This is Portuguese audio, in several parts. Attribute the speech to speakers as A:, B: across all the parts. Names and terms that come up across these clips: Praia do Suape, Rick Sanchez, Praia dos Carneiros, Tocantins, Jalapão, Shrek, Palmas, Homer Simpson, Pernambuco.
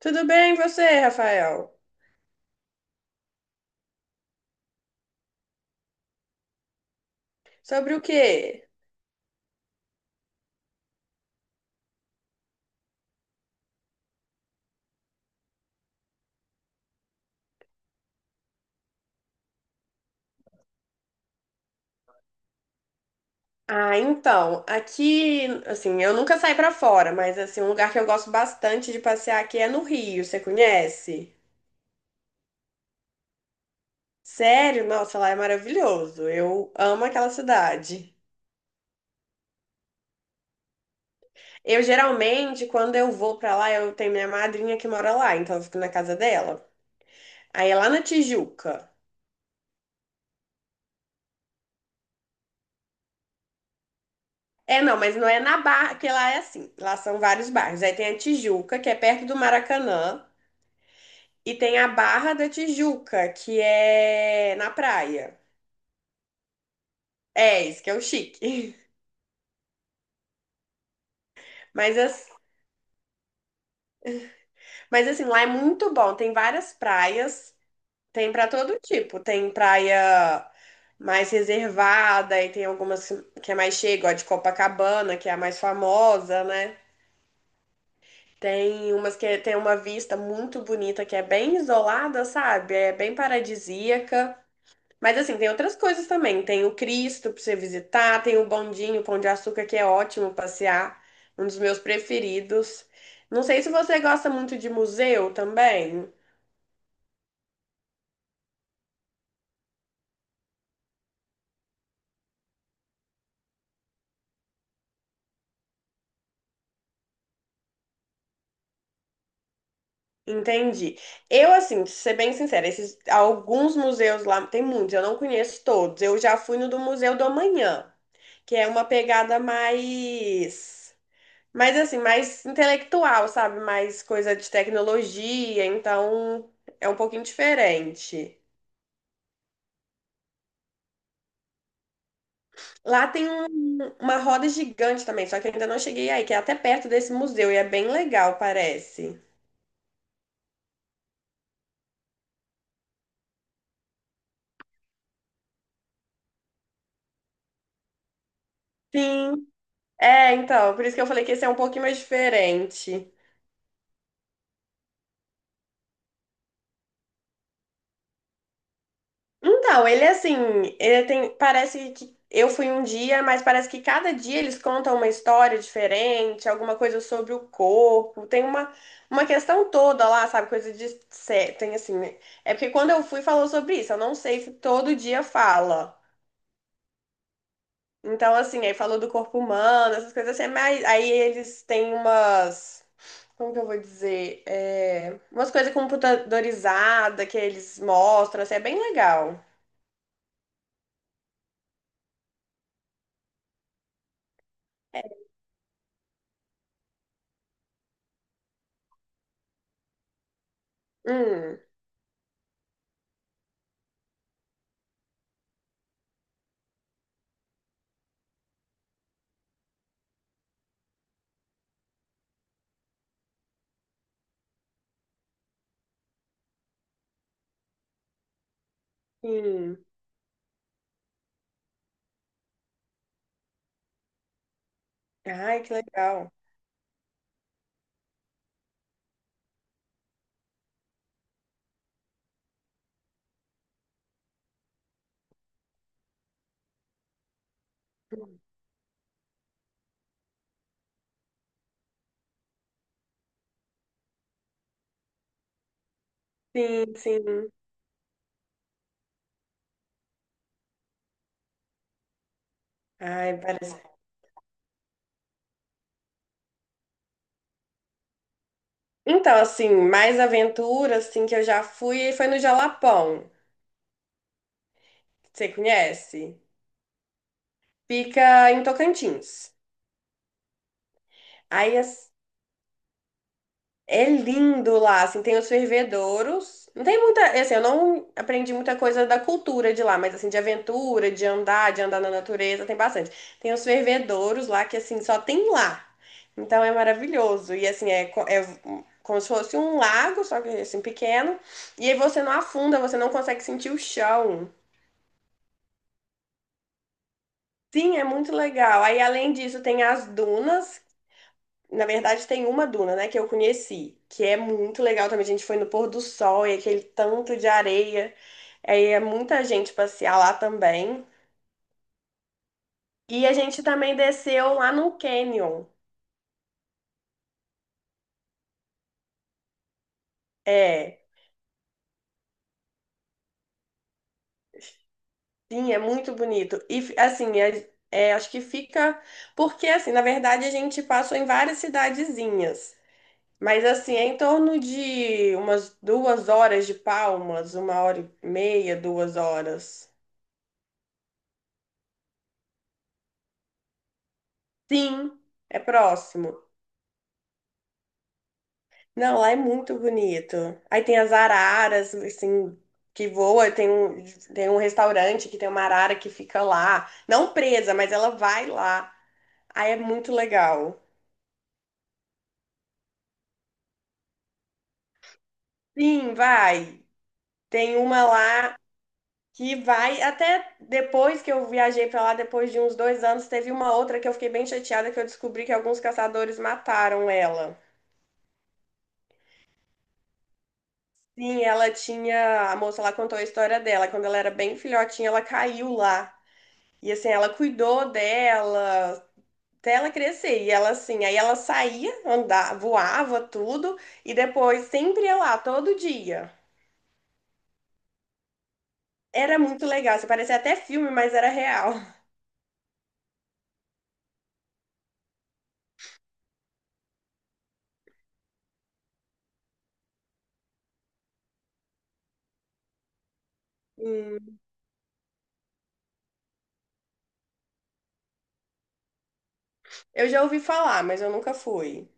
A: Tudo bem, e você, Rafael? Sobre o quê? Ah, então, aqui, assim, eu nunca saí pra fora, mas assim, um lugar que eu gosto bastante de passear aqui é no Rio, você conhece? Sério? Nossa, lá é maravilhoso. Eu amo aquela cidade. Eu geralmente, quando eu vou pra lá, eu tenho minha madrinha que mora lá, então eu fico na casa dela. Aí é lá na Tijuca. É, não, mas não é na Barra, porque lá é assim. Lá são vários bairros. Aí tem a Tijuca, que é perto do Maracanã. E tem a Barra da Tijuca, que é na praia. É, isso que é o chique. Mas, mas assim, lá é muito bom. Tem várias praias, tem pra todo tipo. Tem praia mais reservada, e tem algumas que é mais cheia, igual a de Copacabana, que é a mais famosa, né? Tem umas que é, tem uma vista muito bonita, que é bem isolada, sabe? É bem paradisíaca. Mas assim, tem outras coisas também. Tem o Cristo pra você visitar, tem o Bondinho, o Pão de Açúcar, que é ótimo passear, um dos meus preferidos. Não sei se você gosta muito de museu também. Entendi. Eu, assim, pra ser bem sincera, esses, alguns museus lá, tem muitos, eu não conheço todos. Eu já fui no do Museu do Amanhã, que é uma pegada mais, mais assim, mais intelectual, sabe? Mais coisa de tecnologia, então é um pouquinho diferente. Lá tem uma roda gigante também, só que eu ainda não cheguei aí, que é até perto desse museu e é bem legal, parece. Sim, é, então, por isso que eu falei que esse é um pouquinho mais diferente. Então, ele é assim, ele tem, parece que eu fui um dia, mas parece que cada dia eles contam uma história diferente, alguma coisa sobre o corpo, tem uma questão toda lá, sabe, coisa de, tem assim, né? É porque quando eu fui falou sobre isso, eu não sei se todo dia fala. Então, assim, aí falou do corpo humano, essas coisas assim, mas aí eles têm umas. Como que eu vou dizer? É, umas coisas computadorizadas que eles mostram, assim, é bem legal. Hum, sim. Ai, que legal. Sim, sim. Ai, parece. Então, assim, mais aventura, assim, que eu já fui, foi no Jalapão. Você conhece? Fica em Tocantins. Aí, as- É lindo lá, assim, tem os fervedouros. Não tem muita, assim, eu não aprendi muita coisa da cultura de lá, mas assim, de aventura, de andar na natureza, tem bastante. Tem os fervedouros lá que assim, só tem lá. Então é maravilhoso. E assim, é como se fosse um lago, só que assim, pequeno. E aí você não afunda, você não consegue sentir o chão. Sim, é muito legal. Aí além disso, tem as dunas. Na verdade, tem uma duna, né, que eu conheci, que é muito legal também. A gente foi no pôr do sol e aquele tanto de areia. Aí é muita gente passear lá também. E a gente também desceu lá no Canyon. É, sim, é muito bonito. E assim, é, acho que fica. Porque, assim, na verdade, a gente passou em várias cidadezinhas. Mas assim, é em torno de umas 2 horas de Palmas, 1 hora e meia, 2 horas. Sim, é próximo. Não, lá é muito bonito. Aí tem as araras, assim, que voa. Tem um restaurante que tem uma arara que fica lá. Não presa, mas ela vai lá. Aí é muito legal. Sim, vai. Tem uma lá que vai. Até depois que eu viajei pra lá, depois de uns 2 anos, teve uma outra que eu fiquei bem chateada que eu descobri que alguns caçadores mataram ela. Sim, ela tinha. A moça lá contou a história dela. Quando ela era bem filhotinha, ela caiu lá. E assim, ela cuidou dela até ela crescer. E ela assim, aí ela saía, andava, voava tudo, e depois sempre ia lá, todo dia. Era muito legal, assim, parecia até filme, mas era real. Hum, eu já ouvi falar, mas eu nunca fui.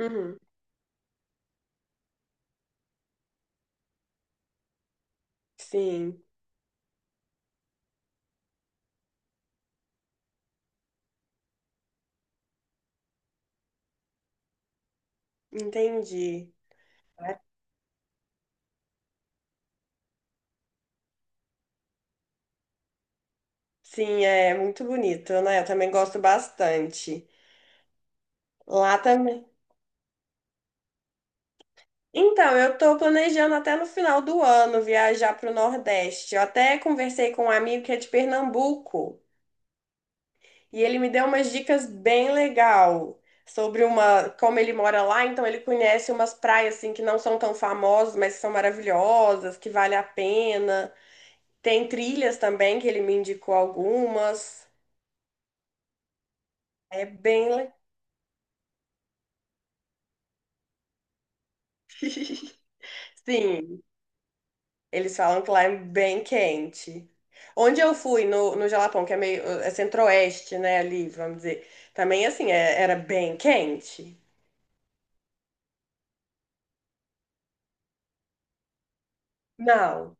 A: Uhum, sim, entendi. Sim, é muito bonito, né? Eu também gosto bastante. Lá também. Então, eu tô planejando até no final do ano viajar para o Nordeste. Eu até conversei com um amigo que é de Pernambuco e ele me deu umas dicas bem legal sobre uma, como ele mora lá, então ele conhece umas praias assim que não são tão famosas, mas que são maravilhosas, que vale a pena. Tem trilhas também que ele me indicou algumas. É bem, le- sim. Eles falam que lá é bem quente. Onde eu fui, no Jalapão, que é meio, é centro-oeste, né, ali, vamos dizer. Também, assim, era bem quente. Não,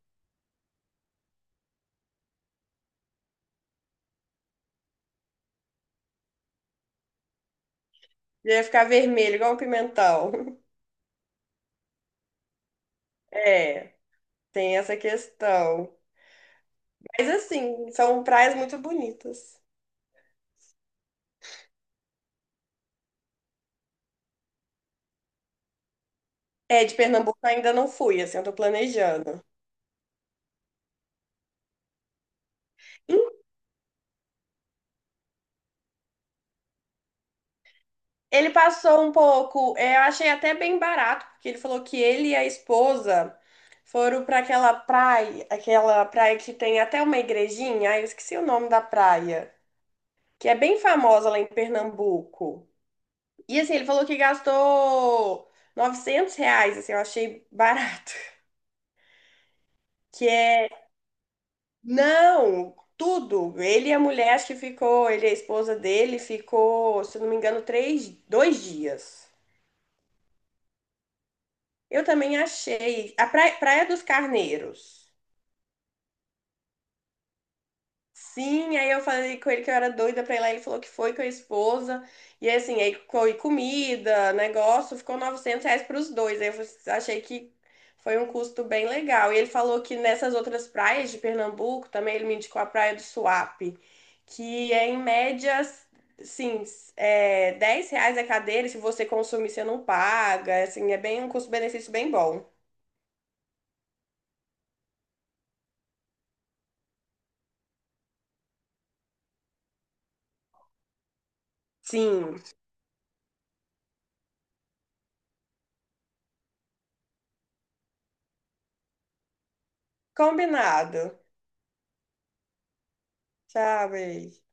A: ia ficar vermelho, igual um pimentão. É, tem essa questão. Mas, assim, são praias muito bonitas. É, de Pernambuco eu ainda não fui, assim, eu tô planejando. Ele passou um pouco, é, eu achei até bem barato, porque ele falou que ele e a esposa foram para aquela praia que tem até uma igrejinha, ai, eu esqueci o nome da praia, que é bem famosa lá em Pernambuco. E assim, ele falou que gastou R$ 900, assim, eu achei barato. Que é, não, tudo. Ele e a mulher, acho que ficou, ele e a esposa dele ficou, se eu não me engano, três, 2 dias. Eu também achei. A Praia, Praia dos Carneiros. Sim, aí eu falei com ele que eu era doida pra ir lá. Ele falou que foi com a esposa. E assim, aí foi comida, negócio, ficou R$ 900 pros dois. Aí eu achei que foi um custo bem legal. E ele falou que nessas outras praias de Pernambuco, também ele me indicou a Praia do Suape, que é em média, sim, é, R$ 10 a cadeira. E se você consumir, você não paga. Assim, é bem um custo-benefício bem bom. Sim, combinado. Tchau, beijo.